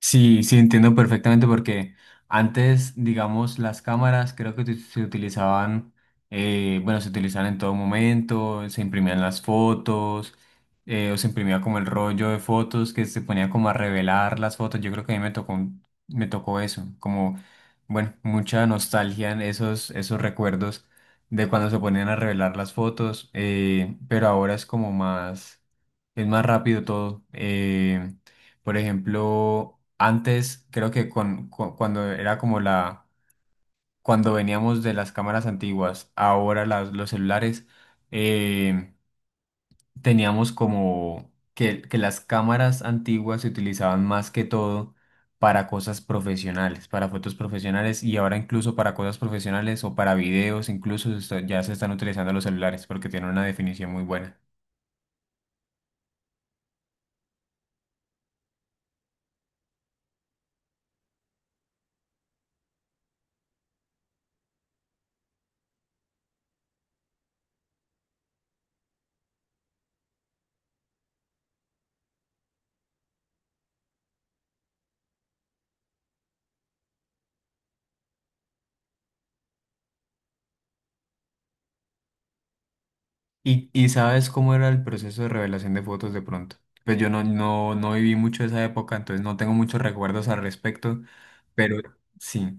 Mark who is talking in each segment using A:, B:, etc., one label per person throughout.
A: Sí, sí, entiendo perfectamente porque antes, digamos, las cámaras creo que se utilizaban, bueno, se utilizaban en todo momento, se imprimían las fotos, o se imprimía como el rollo de fotos que se ponía como a revelar las fotos. Yo creo que a mí me tocó, me tocó eso, como, bueno, mucha nostalgia en esos recuerdos de cuando se ponían a revelar las fotos, pero ahora es como más, es más rápido todo. Por ejemplo, antes creo que cuando era como la, cuando veníamos de las cámaras antiguas, ahora los celulares, eh, teníamos como que las cámaras antiguas se utilizaban más que todo para cosas profesionales, para fotos profesionales y ahora incluso para cosas profesionales o para videos, incluso ya se están utilizando los celulares porque tienen una definición muy buena. ¿Y sabes cómo era el proceso de revelación de fotos de pronto? Pues yo no viví mucho esa época, entonces no tengo muchos recuerdos al respecto, pero sí,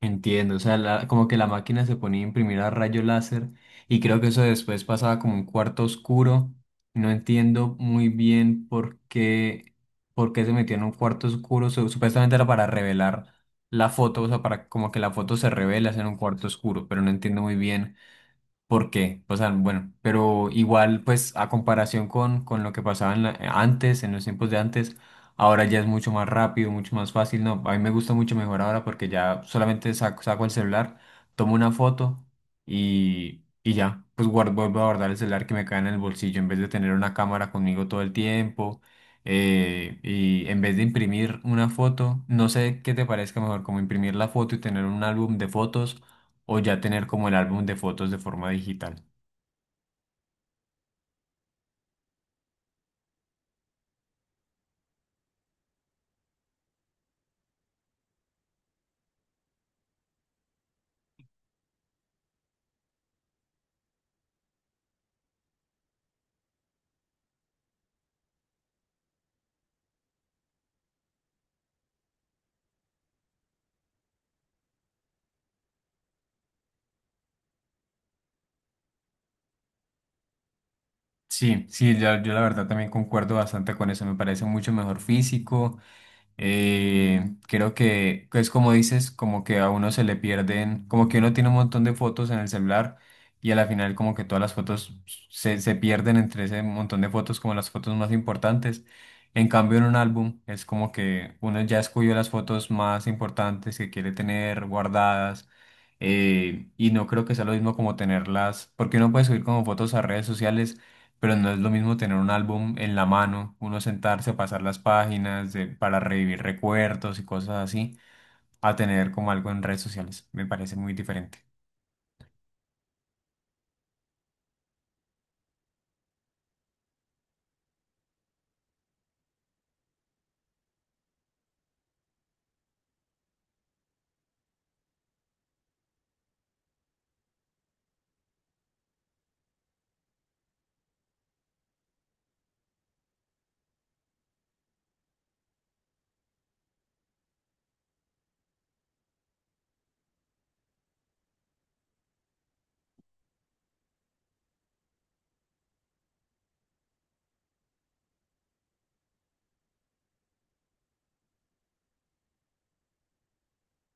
A: entiendo. O sea, como que la máquina se ponía a imprimir a rayo láser y creo que eso después pasaba como un cuarto oscuro. No entiendo muy bien por qué se metió en un cuarto oscuro. Supuestamente era para revelar la foto, o sea, para como que la foto se revela en un cuarto oscuro, pero no entiendo muy bien. ¿Por qué? O sea, bueno, pero igual, pues a comparación con lo que pasaba en antes, en los tiempos de antes, ahora ya es mucho más rápido, mucho más fácil. No, a mí me gusta mucho mejor ahora porque ya solamente saco el celular, tomo una foto y ya, pues guardo, vuelvo a guardar el celular que me cae en el bolsillo en vez de tener una cámara conmigo todo el tiempo. Y en vez de imprimir una foto, no sé qué te parezca mejor, como imprimir la foto y tener un álbum de fotos o ya tener como el álbum de fotos de forma digital. Sí, sí, yo la verdad también concuerdo bastante con eso, me parece mucho mejor físico. Creo que es como dices, como que a uno se le pierden, como que uno tiene un montón de fotos en el celular y a la final como que todas las fotos se pierden entre ese montón de fotos como las fotos más importantes. En cambio en un álbum es como que uno ya escogió las fotos más importantes que quiere tener guardadas, y no creo que sea lo mismo como tenerlas, porque uno puede subir como fotos a redes sociales, pero no es lo mismo tener un álbum en la mano, uno sentarse a pasar las páginas para revivir recuerdos y cosas así, a tener como algo en redes sociales. Me parece muy diferente.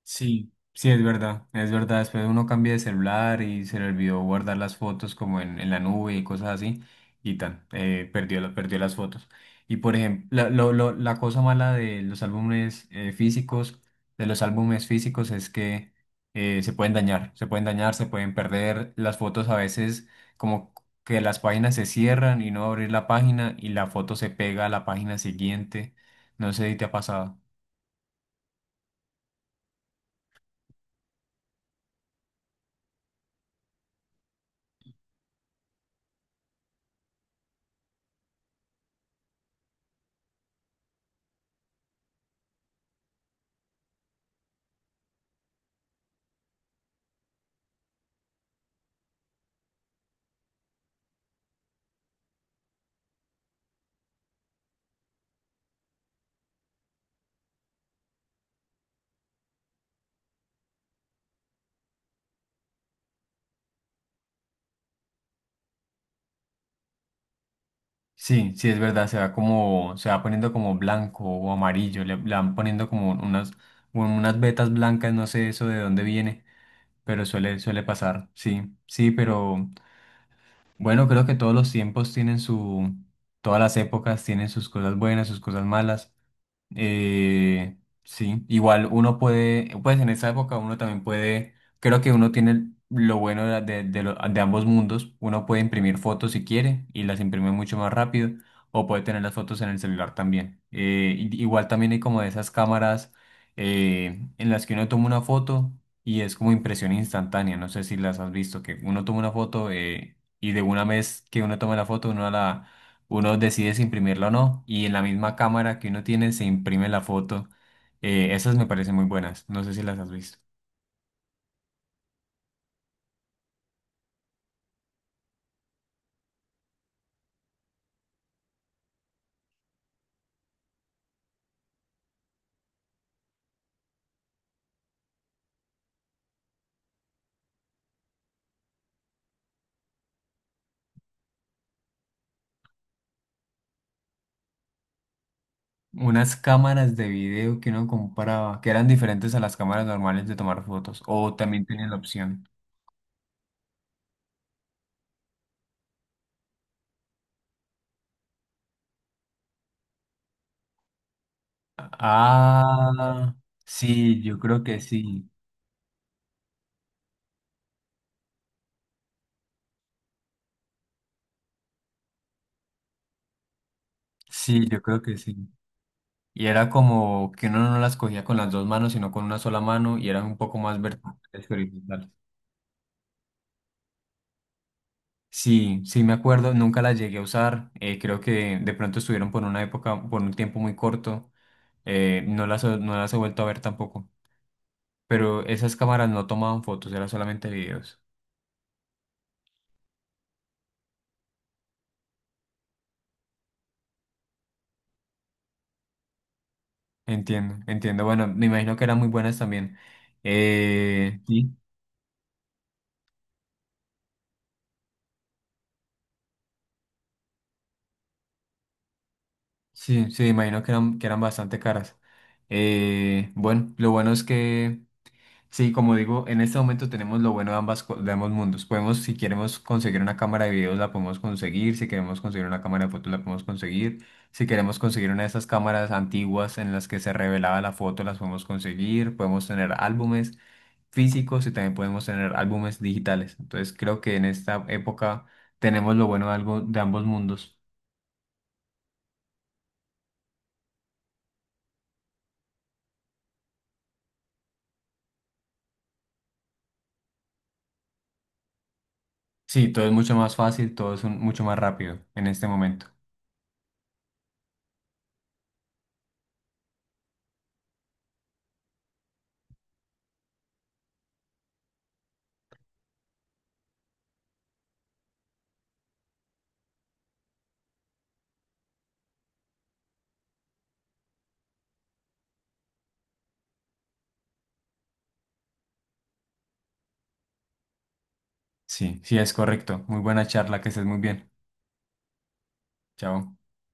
A: Sí, sí, es verdad, es verdad. Después uno cambia de celular y se le olvidó guardar las fotos como en la nube y cosas así, y tan, perdió, perdió las fotos. Y por ejemplo, la cosa mala de los álbumes físicos, de los álbumes físicos es que se pueden dañar, se pueden dañar, se pueden perder. Las fotos a veces como que las páginas se cierran y no abrir la página y la foto se pega a la página siguiente. No sé si te ha pasado. Sí, sí, es verdad, se va como, se va poniendo como blanco o amarillo, le van poniendo como unas vetas blancas, no sé eso de dónde viene, pero suele, suele pasar, sí, sí, pero bueno, creo que todos los tiempos tienen su, todas las épocas tienen sus cosas buenas, sus cosas malas. Eh, sí, igual uno puede, pues en esa época uno también puede, creo que uno tiene lo bueno de ambos mundos, uno puede imprimir fotos si quiere y las imprime mucho más rápido o puede tener las fotos en el celular también. Igual también hay como de esas cámaras, en las que uno toma una foto y es como impresión instantánea, no sé si las has visto, que uno toma una foto, y de una vez que uno toma la foto uno decide si imprimirla o no y en la misma cámara que uno tiene se imprime la foto. Esas me parecen muy buenas, no sé si las has visto. Unas cámaras de video que uno compraba, que eran diferentes a las cámaras normales de tomar fotos, o también tienen la opción. Ah, sí, yo creo que sí, sí, yo creo que sí. Y era como que uno no las cogía con las dos manos, sino con una sola mano y eran un poco más verticales que horizontales. Sí, sí me acuerdo, nunca la llegué a usar. Eh, creo que de pronto estuvieron por una época, por un tiempo muy corto. Eh, no no las he vuelto a ver tampoco, pero esas cámaras no tomaban fotos, eran solamente videos. Entiendo, entiendo, bueno, me imagino que eran muy buenas también. Sí, sí, sí, me imagino que eran bastante caras. Bueno, lo bueno es que... Sí, como digo, en este momento tenemos lo bueno de ambas, de ambos mundos. Podemos, si queremos conseguir una cámara de videos, la podemos conseguir. Si queremos conseguir una cámara de fotos, la podemos conseguir. Si queremos conseguir una de esas cámaras antiguas en las que se revelaba la foto, las podemos conseguir. Podemos tener álbumes físicos y también podemos tener álbumes digitales. Entonces, creo que en esta época tenemos lo bueno de algo, de ambos mundos. Sí, todo es mucho más fácil, todo es mucho más rápido en este momento. Sí, sí, es correcto. Muy buena charla, que estés muy bien. Chao.